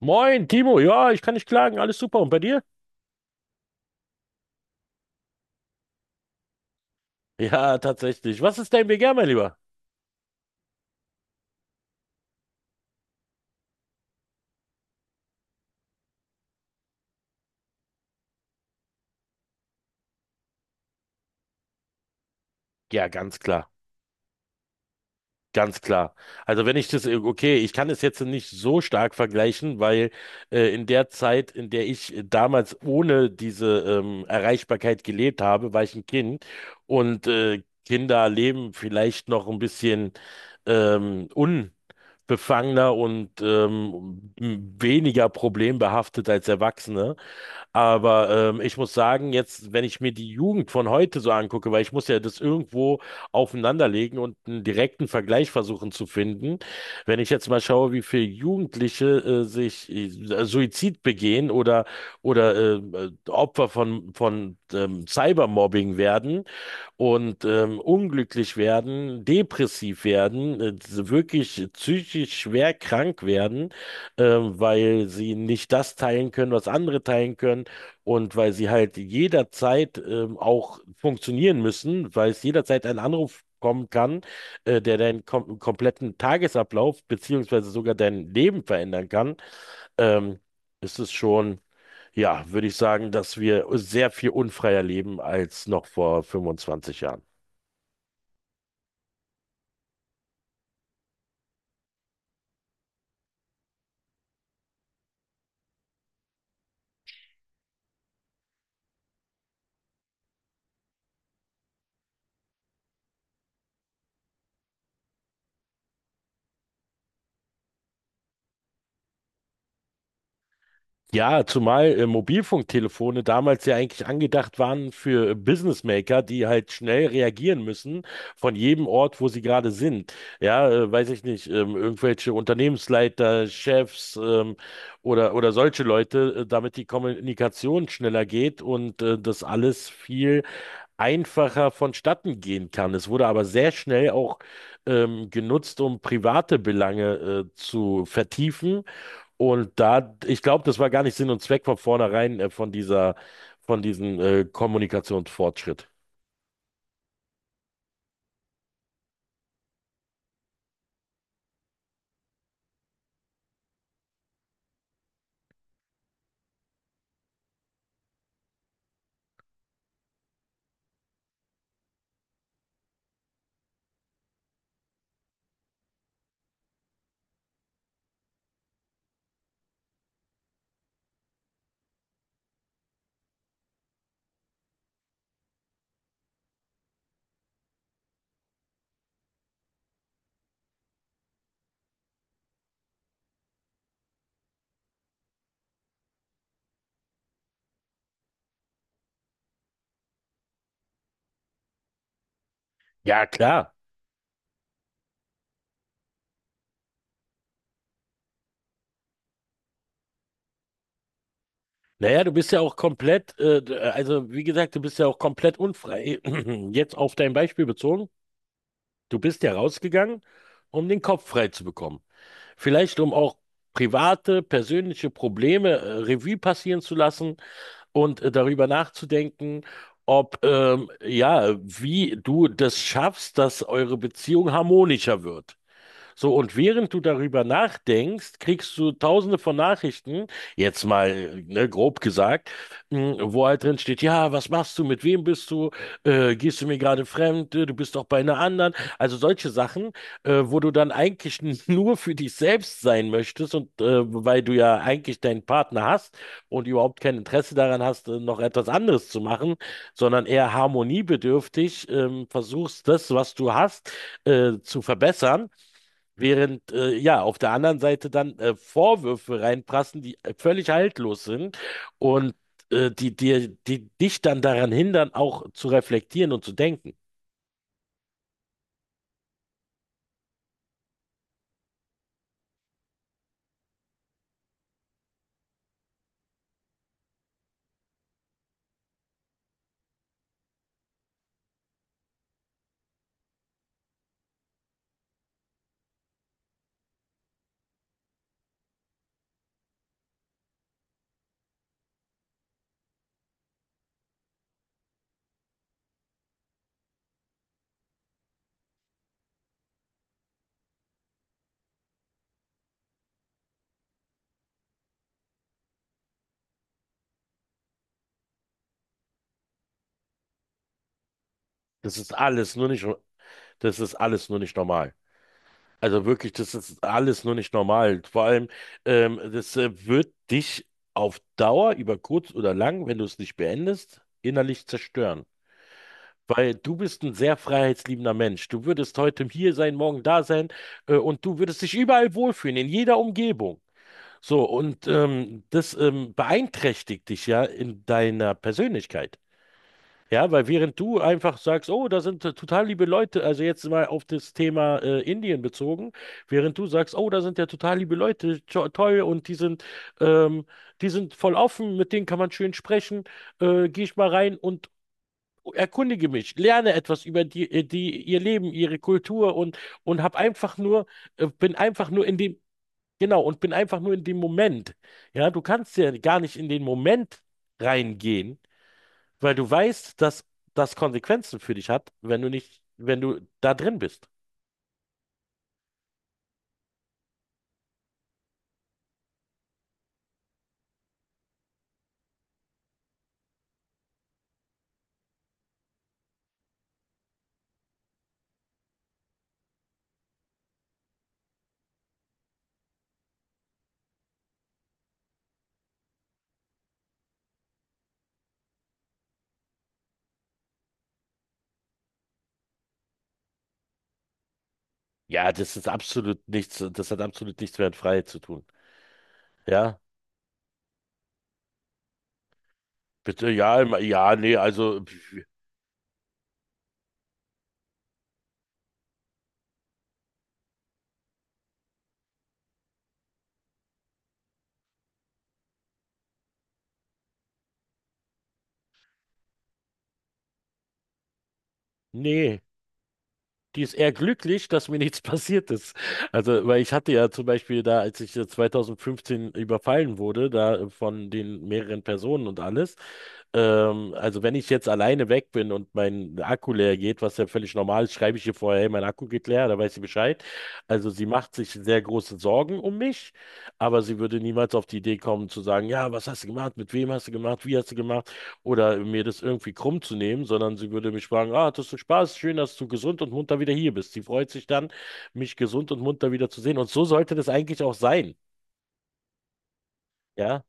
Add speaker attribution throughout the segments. Speaker 1: Moin, Timo. Ja, ich kann nicht klagen. Alles super. Und bei dir? Ja, tatsächlich. Was ist dein Begehr, mein Lieber? Ja, ganz klar. Ganz klar. Also wenn ich das, okay, ich kann es jetzt nicht so stark vergleichen, weil in der Zeit, in der ich damals ohne diese Erreichbarkeit gelebt habe, war ich ein Kind und Kinder leben vielleicht noch ein bisschen unbefangener und weniger problembehaftet als Erwachsene. Aber ich muss sagen, jetzt, wenn ich mir die Jugend von heute so angucke, weil ich muss ja das irgendwo aufeinanderlegen und einen direkten Vergleich versuchen zu finden. Wenn ich jetzt mal schaue, wie viele Jugendliche sich Suizid begehen oder Opfer von Cybermobbing werden, und unglücklich werden, depressiv werden, wirklich psychisch schwer krank werden, weil sie nicht das teilen können, was andere teilen können und weil sie halt jederzeit auch funktionieren müssen, weil es jederzeit ein Anruf kommen kann, der deinen kompletten Tagesablauf beziehungsweise sogar dein Leben verändern kann, ähm, ist es schon, ja, würde ich sagen, dass wir sehr viel unfreier leben als noch vor 25 Jahren. Ja, zumal Mobilfunktelefone damals ja eigentlich angedacht waren für Businessmaker, die halt schnell reagieren müssen von jedem Ort, wo sie gerade sind. Ja, weiß ich nicht, irgendwelche Unternehmensleiter, Chefs oder solche Leute, damit die Kommunikation schneller geht und das alles viel einfacher vonstatten gehen kann. Es wurde aber sehr schnell auch genutzt, um private Belange zu vertiefen und da, ich glaube, das war gar nicht Sinn und Zweck von vornherein von diesem Kommunikationsfortschritt. Ja, klar. Naja, du bist ja auch komplett, also wie gesagt, du bist ja auch komplett unfrei. Jetzt auf dein Beispiel bezogen, du bist ja rausgegangen, um den Kopf frei zu bekommen. Vielleicht um auch private, persönliche Probleme Revue passieren zu lassen, und darüber nachzudenken, ob, ja, wie du das schaffst, dass eure Beziehung harmonischer wird. So, und während du darüber nachdenkst, kriegst du tausende von Nachrichten, jetzt mal, ne, grob gesagt, wo halt drin steht, ja, was machst du, mit wem bist du, gehst du mir gerade fremd. Du bist doch bei einer anderen. Also solche Sachen, wo du dann eigentlich nur für dich selbst sein möchtest und weil du ja eigentlich deinen Partner hast und überhaupt kein Interesse daran hast, noch etwas anderes zu machen, sondern eher harmoniebedürftig versuchst, das, was du hast, zu verbessern. Während ja auf der anderen Seite dann Vorwürfe reinprassen, die völlig haltlos sind und die dich dann daran hindern, auch zu reflektieren und zu denken. Das ist alles nur nicht, Das ist alles nur nicht normal. Also wirklich, das ist alles nur nicht normal. Vor allem, das wird dich auf Dauer, über kurz oder lang, wenn du es nicht beendest, innerlich zerstören. Weil du bist ein sehr freiheitsliebender Mensch. Du würdest heute hier sein, morgen da sein, und du würdest dich überall wohlfühlen, in jeder Umgebung. So, und das beeinträchtigt dich ja in deiner Persönlichkeit. Ja, weil während du einfach sagst, oh, da sind total liebe Leute, also jetzt mal auf das Thema Indien bezogen, während du sagst, oh, da sind ja total liebe Leute, to toll, und ähm, die sind voll offen, mit denen kann man schön sprechen, gehe ich mal rein und erkundige mich, lerne etwas über ihr Leben, ihre Kultur und hab einfach nur, bin einfach nur in dem, genau, und bin einfach nur in dem Moment. Ja, du kannst ja gar nicht in den Moment reingehen, weil du weißt, dass das Konsequenzen für dich hat, wenn du da drin bist. Ja, das ist absolut nichts. Das hat absolut nichts mehr mit Freiheit zu tun. Ja, bitte, ja, ja, nee, also, nee. Die ist eher glücklich, dass mir nichts passiert ist. Also, weil ich hatte ja zum Beispiel da, als ich 2015 überfallen wurde, da von den mehreren Personen und alles. Also, wenn ich jetzt alleine weg bin und mein Akku leer geht, was ja völlig normal ist, schreibe ich ihr vorher, hey, mein Akku geht leer, da weiß sie Bescheid. Also, sie macht sich sehr große Sorgen um mich, aber sie würde niemals auf die Idee kommen zu sagen, ja, was hast du gemacht, mit wem hast du gemacht, wie hast du gemacht? Oder mir das irgendwie krumm zu nehmen, sondern sie würde mich fragen, ah, hattest du Spaß? Schön, dass du gesund und munter wieder hier bist. Sie freut sich dann, mich gesund und munter wieder zu sehen. Und so sollte das eigentlich auch sein, ja?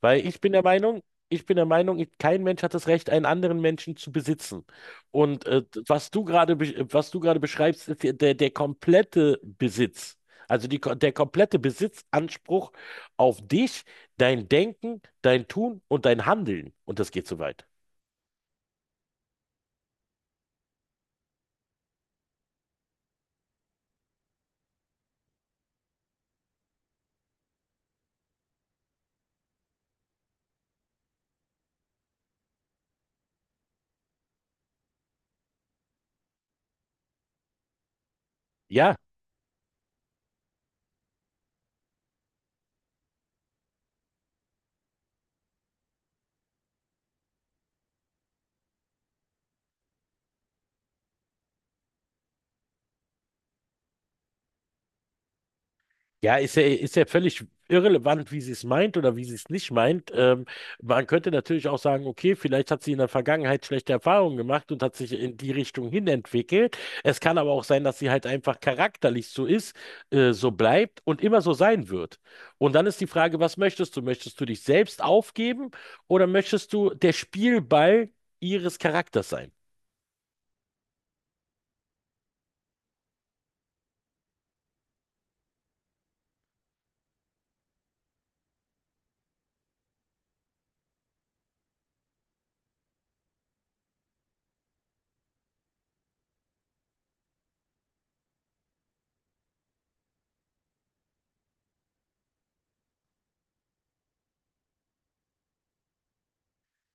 Speaker 1: Weil ich bin der Meinung, ich bin der Meinung, ich- kein Mensch hat das Recht, einen anderen Menschen zu besitzen. Und was du gerade beschreibst, ist ja der komplette Besitz. Also der komplette Besitzanspruch auf dich, dein Denken, dein Tun und dein Handeln. Und das geht so weit. Ja, ja, ist ja völlig irrelevant, wie sie es meint oder wie sie es nicht meint. Man könnte natürlich auch sagen, okay, vielleicht hat sie in der Vergangenheit schlechte Erfahrungen gemacht und hat sich in die Richtung hin entwickelt. Es kann aber auch sein, dass sie halt einfach charakterlich so ist, so bleibt und immer so sein wird. Und dann ist die Frage, was möchtest du? Möchtest du dich selbst aufgeben oder möchtest du der Spielball ihres Charakters sein?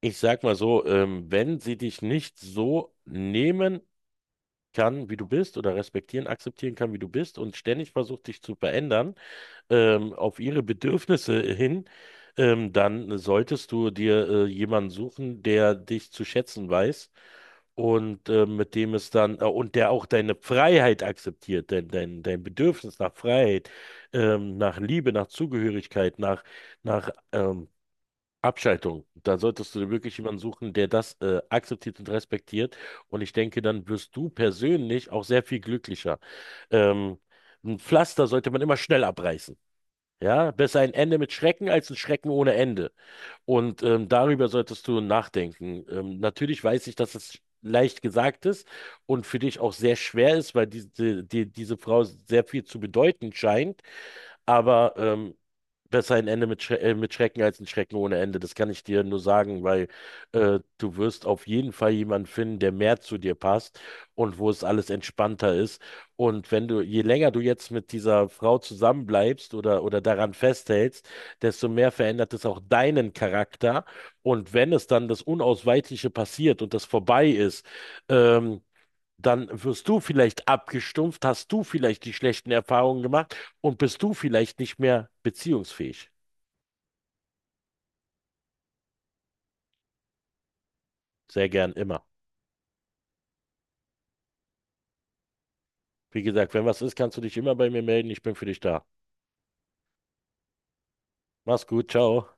Speaker 1: Ich sag mal so, wenn sie dich nicht so nehmen kann, wie du bist oder respektieren, akzeptieren kann, wie du bist und ständig versucht, dich zu verändern, auf ihre Bedürfnisse hin, dann solltest du dir jemanden suchen, der dich zu schätzen weiß und mit dem es dann und der auch deine Freiheit akzeptiert, dein Bedürfnis nach Freiheit, nach Liebe, nach Zugehörigkeit, nach Abschaltung. Da solltest du dir wirklich jemanden suchen, der das akzeptiert und respektiert. Und ich denke, dann wirst du persönlich auch sehr viel glücklicher. Ähm, ein Pflaster sollte man immer schnell abreißen. Ja, besser ein Ende mit Schrecken als ein Schrecken ohne Ende. Und darüber solltest du nachdenken. Natürlich weiß ich, dass es leicht gesagt ist und für dich auch sehr schwer ist, weil diese Frau sehr viel zu bedeuten scheint. Aber besser ein Ende mit, Schre mit Schrecken als ein Schrecken ohne Ende. Das kann ich dir nur sagen, weil du wirst auf jeden Fall jemanden finden, der mehr zu dir passt und wo es alles entspannter ist. Und wenn du, je länger du jetzt mit dieser Frau zusammenbleibst oder daran festhältst, desto mehr verändert es auch deinen Charakter. Und wenn es dann das Unausweichliche passiert und das vorbei ist, ähm, dann wirst du vielleicht abgestumpft, hast du vielleicht die schlechten Erfahrungen gemacht und bist du vielleicht nicht mehr beziehungsfähig. Sehr gern immer. Wie gesagt, wenn was ist, kannst du dich immer bei mir melden. Ich bin für dich da. Mach's gut, ciao.